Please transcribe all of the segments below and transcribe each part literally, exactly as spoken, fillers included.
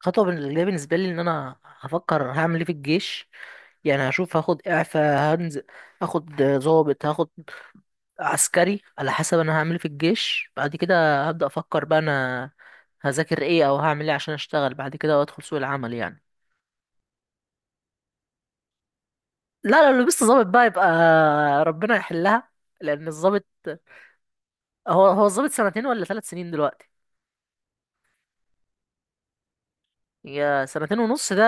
خطوة اللي بالنسبة لي إن أنا هفكر هعمل إيه في الجيش. يعني هشوف هاخد إعفاء هنزل هاخد ضابط هاخد عسكري على حسب أنا هعمل إيه في الجيش. بعد كده هبدأ أفكر بقى أنا هذاكر إيه أو هعمل إيه عشان أشتغل بعد كده وأدخل سوق العمل يعني. لا، لو لبست ضابط بقى يبقى ربنا يحلها. لأن الضابط هو هو الضابط سنتين ولا ثلاث سنين دلوقتي؟ هي سنتين ونص ده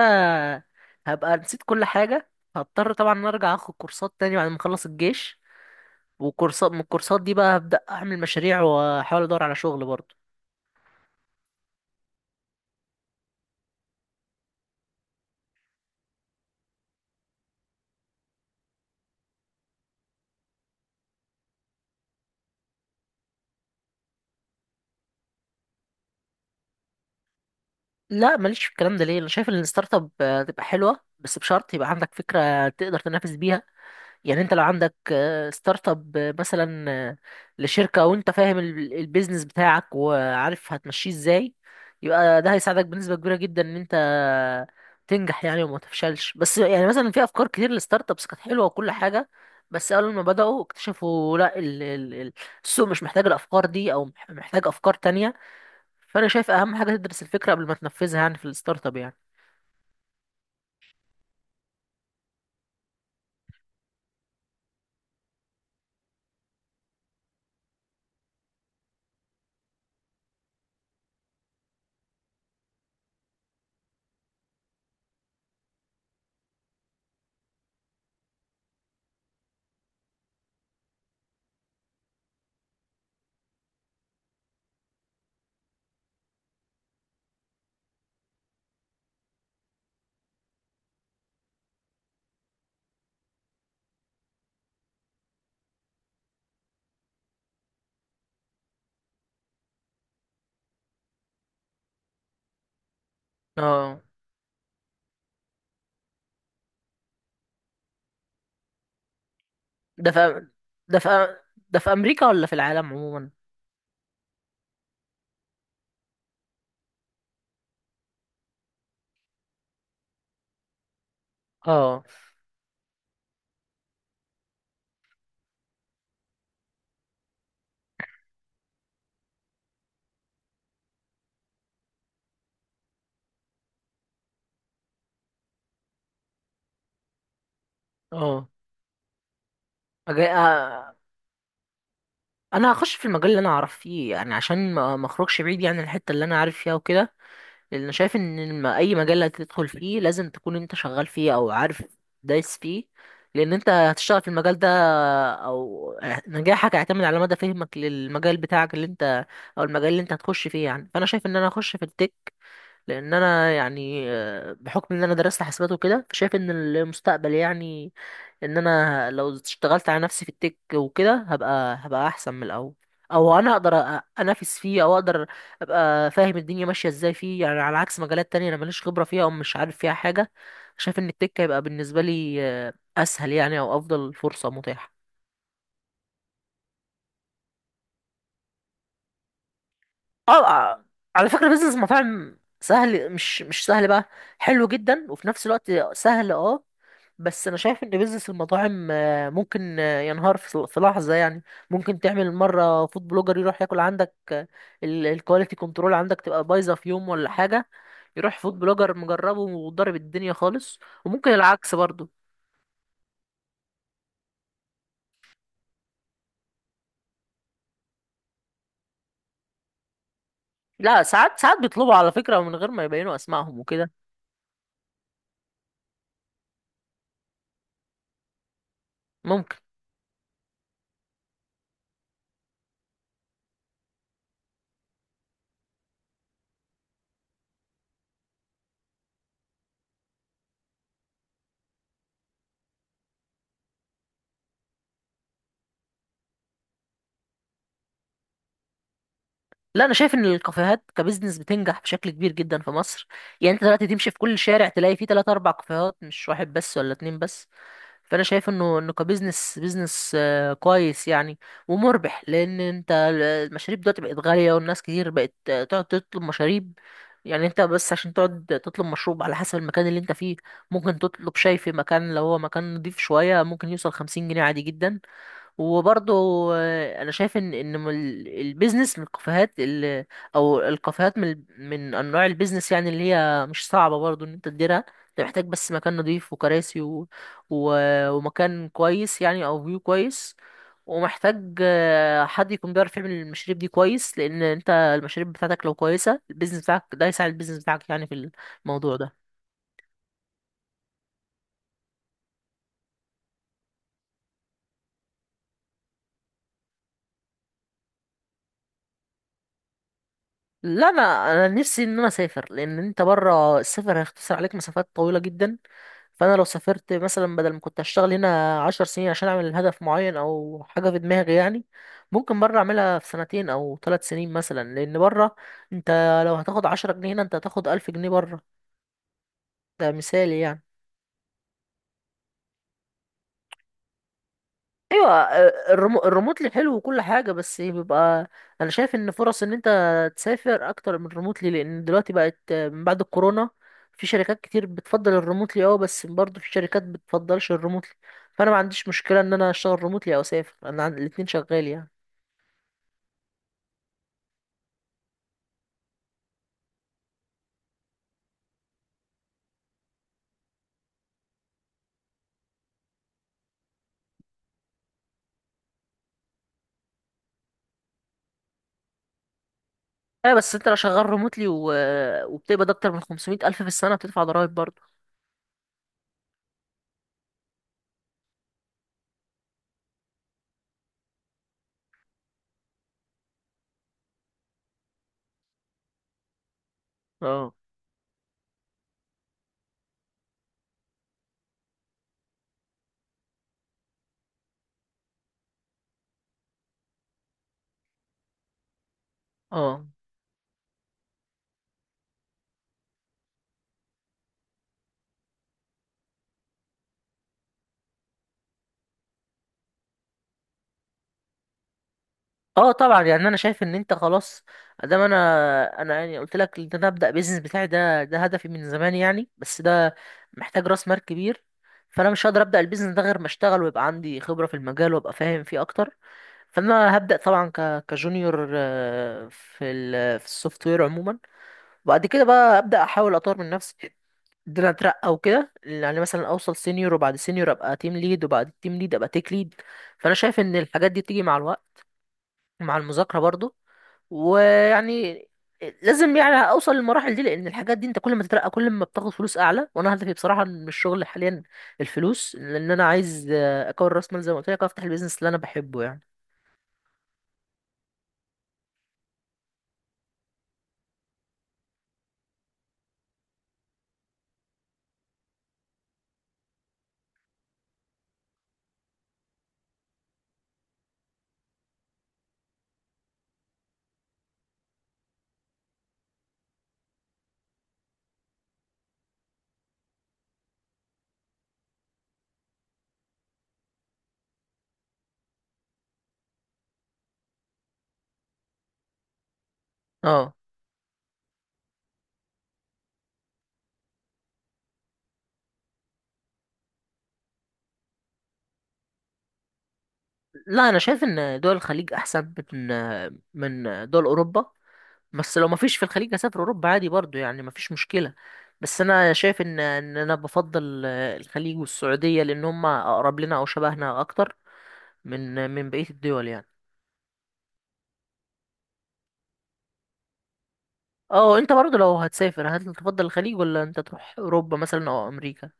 هبقى نسيت كل حاجة. هضطر طبعا إن أنا أرجع أخد كورسات تاني بعد ما أخلص الجيش. وكورسات من الكورسات دي بقى هبدأ أعمل مشاريع وأحاول أدور على شغل برضه. لا، ماليش في الكلام ده. ليه؟ أنا شايف إن الستارت اب آه، تبقى حلوة بس بشرط يبقى عندك فكرة تقدر تنافس بيها. يعني انت لو عندك آه، ستارت اب آه، مثلا آه، لشركة وانت فاهم ال- البيزنس بتاعك وعارف هتمشيه ازاي، يبقى ده هيساعدك بنسبة كبيرة جدا ان انت تنجح يعني وما تفشلش. بس يعني مثلا في افكار كتير للستارت ابس كانت حلوة وكل حاجة، بس اول ما بدأوا اكتشفوا لا ال- ال- ال- السوق مش محتاج الافكار دي او مح- محتاج افكار تانية. فانا شايف اهم حاجة تدرس الفكرة قبل ما تنفذها يعني في الستارت اب يعني. اه. ده في ده في ده في امريكا ولا في العالم عموما؟ اه. اه. أجي... آه، انا هخش في المجال اللي انا اعرف فيه يعني عشان ما ما اخرجش بعيد يعني عن الحته اللي انا عارف فيها وكده. لان أنا شايف ان ما اي مجال هتدخل فيه لازم تكون انت شغال فيه او عارف دايس فيه. لان انت هتشتغل في المجال ده، او نجاحك هيعتمد على مدى فهمك للمجال بتاعك اللي انت، او المجال اللي انت هتخش فيه يعني. فانا شايف ان انا هخش في التك. لان انا يعني آه، بحكم ان انا درست حاسبات وكده فشايف ان المستقبل يعني ان انا لو اشتغلت على نفسي في التك وكده هبقى هبقى احسن من الاول. او انا اقدر أ- انافس فيه او اقدر ابقى فاهم الدنيا ماشيه ازاي فيه يعني، على عكس مجالات تانية انا ماليش خبره فيها او مش عارف فيها حاجه. شايف ان التك هيبقى بالنسبه لي آه، اسهل يعني او افضل فرصه متاحه. اه. آه، على فكره بيزنس مطاعم سهل، مش مش سهل بقى، حلو جدا وفي نفس الوقت سهل اه. بس انا شايف ان بيزنس المطاعم آه، ممكن آه، ينهار في صل- في لحظه يعني. ممكن تعمل مره فود بلوجر يروح ياكل عندك آه، ال- الكواليتي كنترول عندك تبقى بايظه في يوم ولا حاجه، يروح فود بلوجر مجربه وضارب الدنيا خالص. وممكن العكس برضه. لا، ساعات ساعات بيطلبوا على فكره من غير ما يبينوا اسمائهم وكده. ممكن. لا، انا شايف ان الكافيهات كبزنس بتنجح بشكل كبير جدا في مصر. يعني انت دلوقتي تمشي في كل شارع تلاقي فيه ثلاث اربعة كافيهات، مش واحد بس ولا اتنين بس. فانا شايف انه انه كبزنس بزنس آه، كويس يعني ومربح. لان انت ال- المشاريب دلوقتي بقت غاليه والناس كتير بقت آه، تقعد تطلب مشاريب. يعني انت بس عشان تقعد تطلب مشروب على حسب المكان اللي انت فيه، ممكن تطلب شاي في مكان، لو هو مكان نضيف شويه ممكن يوصل خمسين جنيه عادي جدا. وبرضه آه، انا شايف ان ان م- ال- البيزنس من الكافيهات ال- او الكافيهات من من انواع البيزنس يعني اللي هي مش صعبه برضه ان انت تديرها. انت محتاج بس مكان نضيف وكراسي و... و... ومكان كويس يعني او فيو كويس، ومحتاج آه، حد يكون بيعرف يعمل المشاريب دي كويس. لان انت المشاريب بتاعتك لو كويسه البيزنس بتاعك ده هيساعد البيزنس بتاعك يعني في الموضوع ده. لا، انا انا نفسي ان انا اسافر. لان انت بره السفر هيختصر عليك مسافات طويله جدا. فانا لو سافرت مثلا بدل ما كنت اشتغل هنا عشر سنين عشان اعمل هدف معين او حاجه في دماغي يعني، ممكن بره اعملها في سنتين او ثلاث سنين مثلا. لان بره انت لو هتاخد عشرة جنيه هنا انت هتاخد الف جنيه بره. ده مثالي يعني. ايوه. آه، الريمو- الريموتلي حلو وكل حاجه بس بيبقى انا شايف ان فرص ان انت تسافر اكتر من الريموتلي. لان دلوقتي بقت آه، من بعد الكورونا في شركات كتير بتفضل الريموتلي اه، بس برضه في شركات بتفضلش الريموتلي. فانا ما عنديش مشكله ان انا اشتغل ريموتلي او اسافر انا عن... الاتنين شغال يعني. ايوه بس انت لو شغال ريموتلي و... وبتقبض اكتر من خمسمائة الف في السنه بتدفع ضرائب برضه. اه. اه. اه طبعا. يعني انا شايف ان انت خلاص. ادام انا، انا يعني قلت لك ان انا ابدا بيزنس بتاعي ده، ده هدفي من زمان يعني، بس ده محتاج راس مال كبير. فانا مش هقدر ابدا البيزنس ده غير ما اشتغل ويبقى عندي خبره في المجال وابقى فاهم فيه اكتر. فانا هبدا طبعا ك كجونيور آه، في ال في السوفت وير عموما. وبعد كده بقى ابدا احاول اطور من نفسي ان انا اترقى وكده. يعني مثلا اوصل سينيور وبعد سينيور ابقى تيم ليد وبعد التيم ليد ابقى تيك ليد. فانا شايف ان الحاجات دي بتيجي مع الوقت مع المذاكرة برضو. ويعني لازم يعني اوصل للمراحل دي. لان الحاجات دي انت كل ما تترقى كل ما بتاخد فلوس اعلى. وانا هدفي بصراحه من الشغل حاليا الفلوس، لان انا عايز آه، اكون راس مال زي ما قلت لك افتح البيزنس اللي انا بحبه يعني. اه. لا انا شايف ان دول الخليج احسن من من دول اوروبا. بس لو ما فيش في الخليج اسافر اوروبا عادي برضو يعني، ما فيش مشكله. بس انا شايف ان ان انا بفضل آه، الخليج والسعوديه، لان هم اقرب لنا او شبهنا اكتر من من بقيه الدول يعني. اه انت برضه لو هتسافر هل تفضل الخليج ولا انت تروح اوروبا مثلا او امريكا؟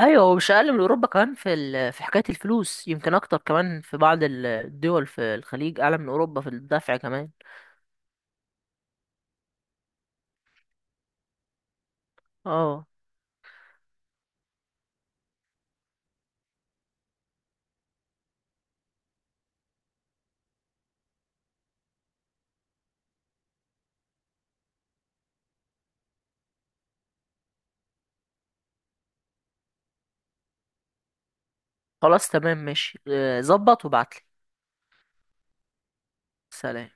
ايوه، ومش اقل من اوروبا كمان في ال... في حكايه الفلوس، يمكن اكتر كمان في بعض ال- الدول في الخليج اعلى من اوروبا في الدفع كمان. اه خلاص تمام ماشي آه، ظبط وابعتلي. سلام.